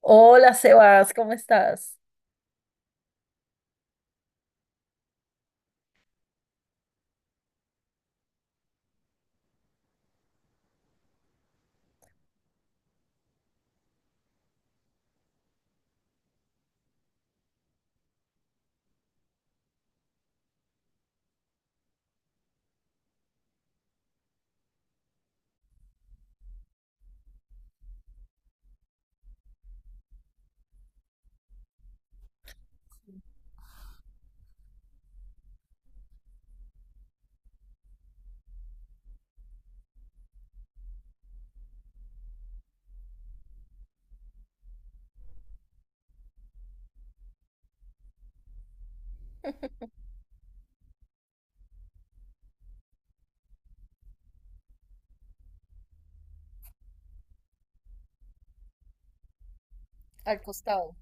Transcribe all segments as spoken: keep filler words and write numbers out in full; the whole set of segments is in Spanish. Hola Sebas, ¿cómo estás? Al costado.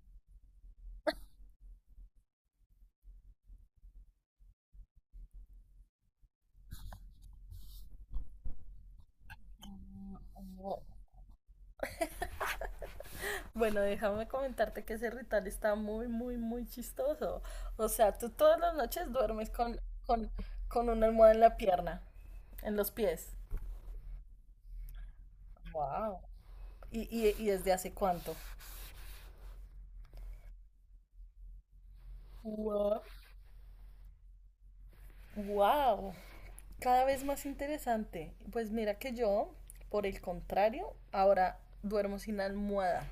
Bueno, déjame comentarte que ese ritual está muy, muy, muy chistoso. O sea, tú todas las noches duermes con, con, con una almohada en la pierna, en los pies. Wow. ¿Y, y, y desde hace cuánto? Wow. Wow. Cada vez más interesante. Pues mira que yo, por el contrario, ahora duermo sin almohada.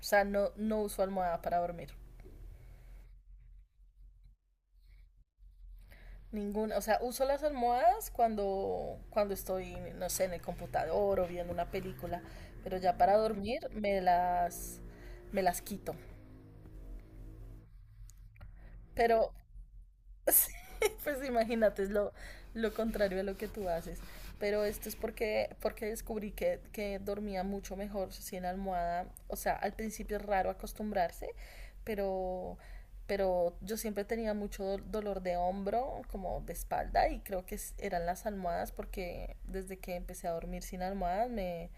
O sea, no, no uso almohada para dormir. Ninguna, o sea, uso las almohadas cuando, cuando estoy, no sé, en el computador o viendo una película, pero ya para dormir me las, me las quito. Pero Pues imagínate, es lo, lo contrario a lo que tú haces. Pero esto es porque, porque descubrí que, que dormía mucho mejor sin almohada. O sea, al principio es raro acostumbrarse, pero, pero yo siempre tenía mucho dolor de hombro, como de espalda, y creo que eran las almohadas, porque desde que empecé a dormir sin almohadas me,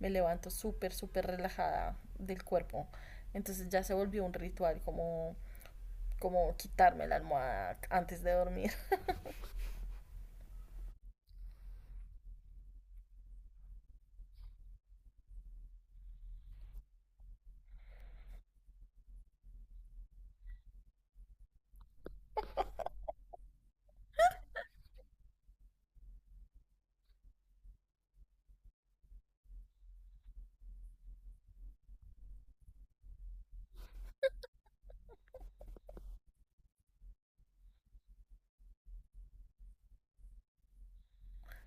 me levanto súper, súper relajada del cuerpo. Entonces ya se volvió un ritual como, como quitarme la almohada antes de dormir.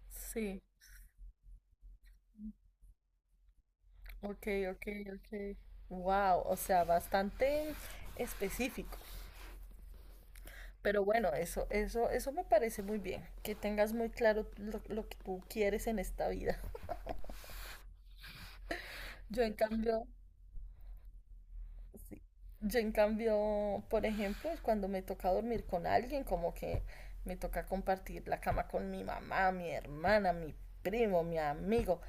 Sí, ok, ok, ok. Wow, o sea, bastante específico. Pero bueno, eso, eso, eso me parece muy bien, que tengas muy claro lo, lo que tú quieres en esta vida. Yo en cambio, sí. Yo en cambio, por ejemplo, cuando me toca dormir con alguien, como que me toca compartir la cama con mi mamá, mi hermana, mi primo, mi amigo,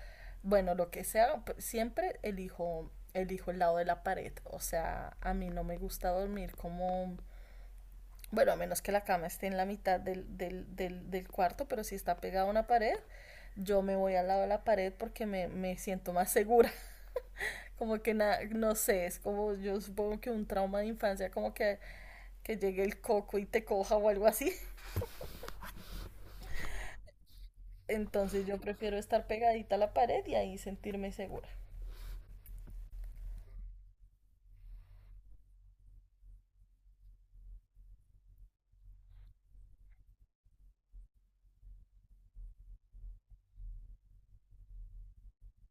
bueno, lo que sea, p- siempre elijo, elijo el lado de la pared. O sea, a mí no me gusta dormir como, bueno, a menos que la cama esté en la mitad del, del, del, del cuarto, pero si está pegada a una pared, yo me voy al lado de la pared porque me, me siento más segura. Como que na- no sé, es como yo supongo que un trauma de infancia, como que, que llegue el coco y te coja o algo así. Entonces yo prefiero estar pegadita a la pared y ahí sentirme segura.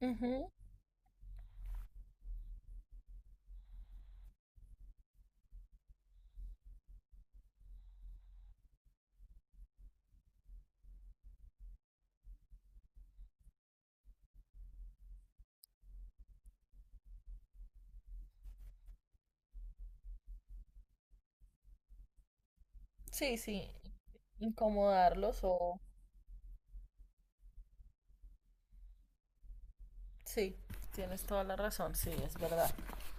Ujú, sí, sí, incomodarlos o... Sí, tienes toda la razón, sí, es verdad.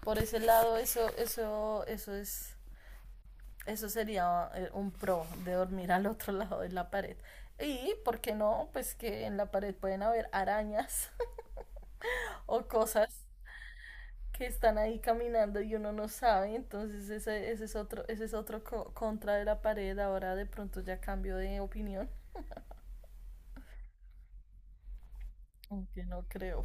Por ese lado, eso, eso, eso es, eso sería eh, un pro de dormir al otro lado de la pared. Y, ¿por qué no? Pues que en la pared pueden haber arañas o cosas que están ahí caminando y uno no sabe, entonces ese, ese es otro, ese es otro co- contra de la pared, ahora de pronto ya cambio de opinión, aunque no creo.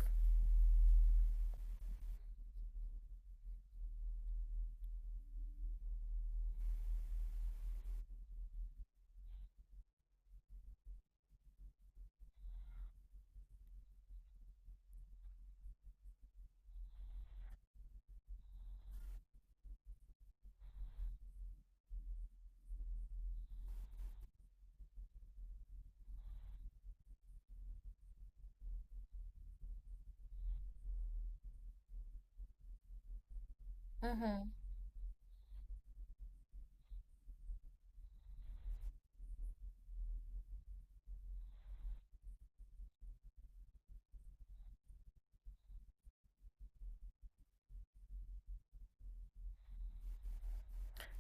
Ujú.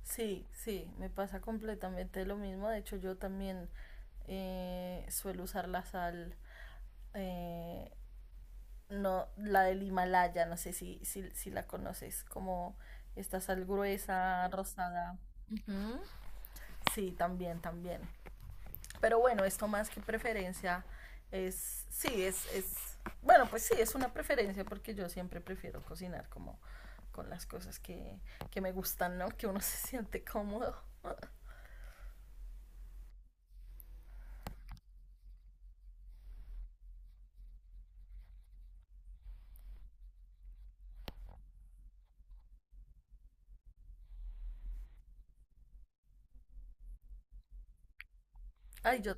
Sí, sí, me pasa completamente lo mismo, de hecho yo también eh, suelo usar la sal, eh, no, la del Himalaya, no sé si, si, si la conoces, como esta sal gruesa, rosada. Ujú. Sí, también, también. Pero bueno, esto más que preferencia es, sí, es, es, bueno, pues sí, es una preferencia porque yo siempre prefiero cocinar como con las cosas que, que me gustan, ¿no? Que uno se siente cómodo. Ay, yo,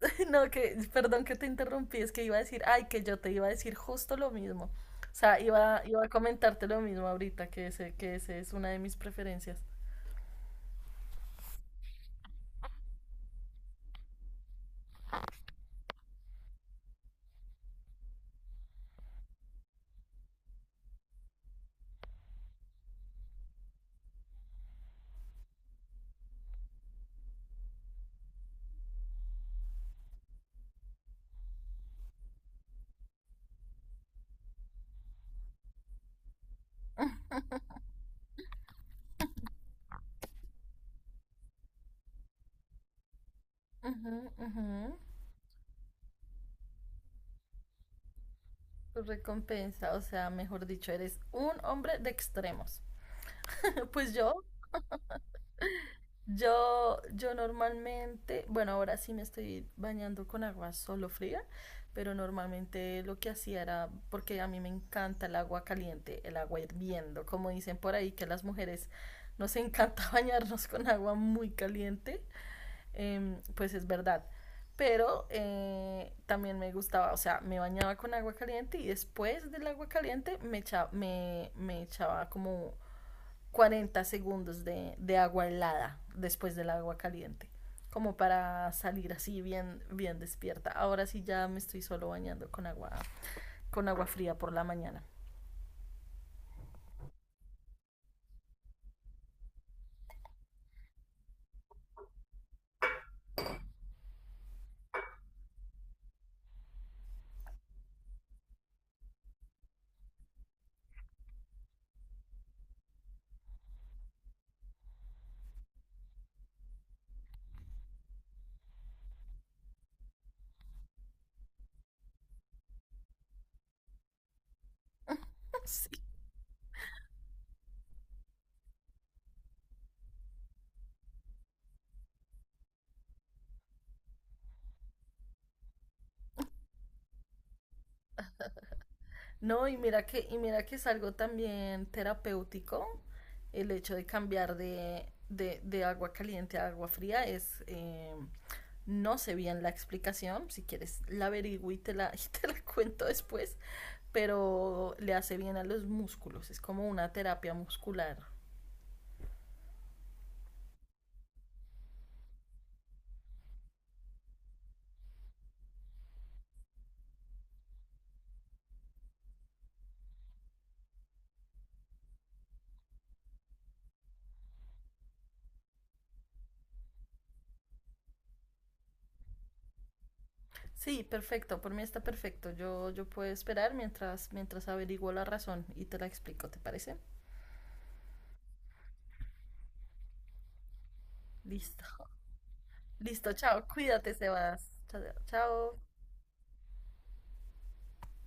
no, que, perdón que te interrumpí, es que iba a decir, ay, que yo te iba a decir justo lo mismo. O sea, iba, iba a comentarte lo mismo ahorita, que ese, que ese es una de mis preferencias. Ujú, ujú. Tu recompensa, o sea, mejor dicho, eres un hombre de extremos. Pues yo, Yo, yo normalmente, bueno, ahora sí me estoy bañando con agua solo fría, pero normalmente lo que hacía era, porque a mí me encanta el agua caliente, el agua hirviendo, como dicen por ahí, que a las mujeres nos encanta bañarnos con agua muy caliente, em, pues es verdad. Pero eh, también me gustaba, o sea, me bañaba con agua caliente y después del agua caliente me echa- me, me echaba como cuarenta segundos de, de agua helada después del agua caliente, como para salir así bien, bien despierta. Ahora sí ya me estoy solo bañando con agua, con agua fría por la mañana. Sí. No, y mira que, y mira que es algo también terapéutico el hecho de cambiar de, de, de agua caliente a agua fría es eh, no sé bien la explicación, si quieres la averiguo y te la, y te la cuento después, pero le hace bien a los músculos, es como una terapia muscular. Sí, perfecto, por mí está perfecto. Yo, yo puedo esperar mientras, mientras averiguo la razón y te la explico, ¿te parece? Listo. Listo, chao. Cuídate, Sebas. Chao. Chao.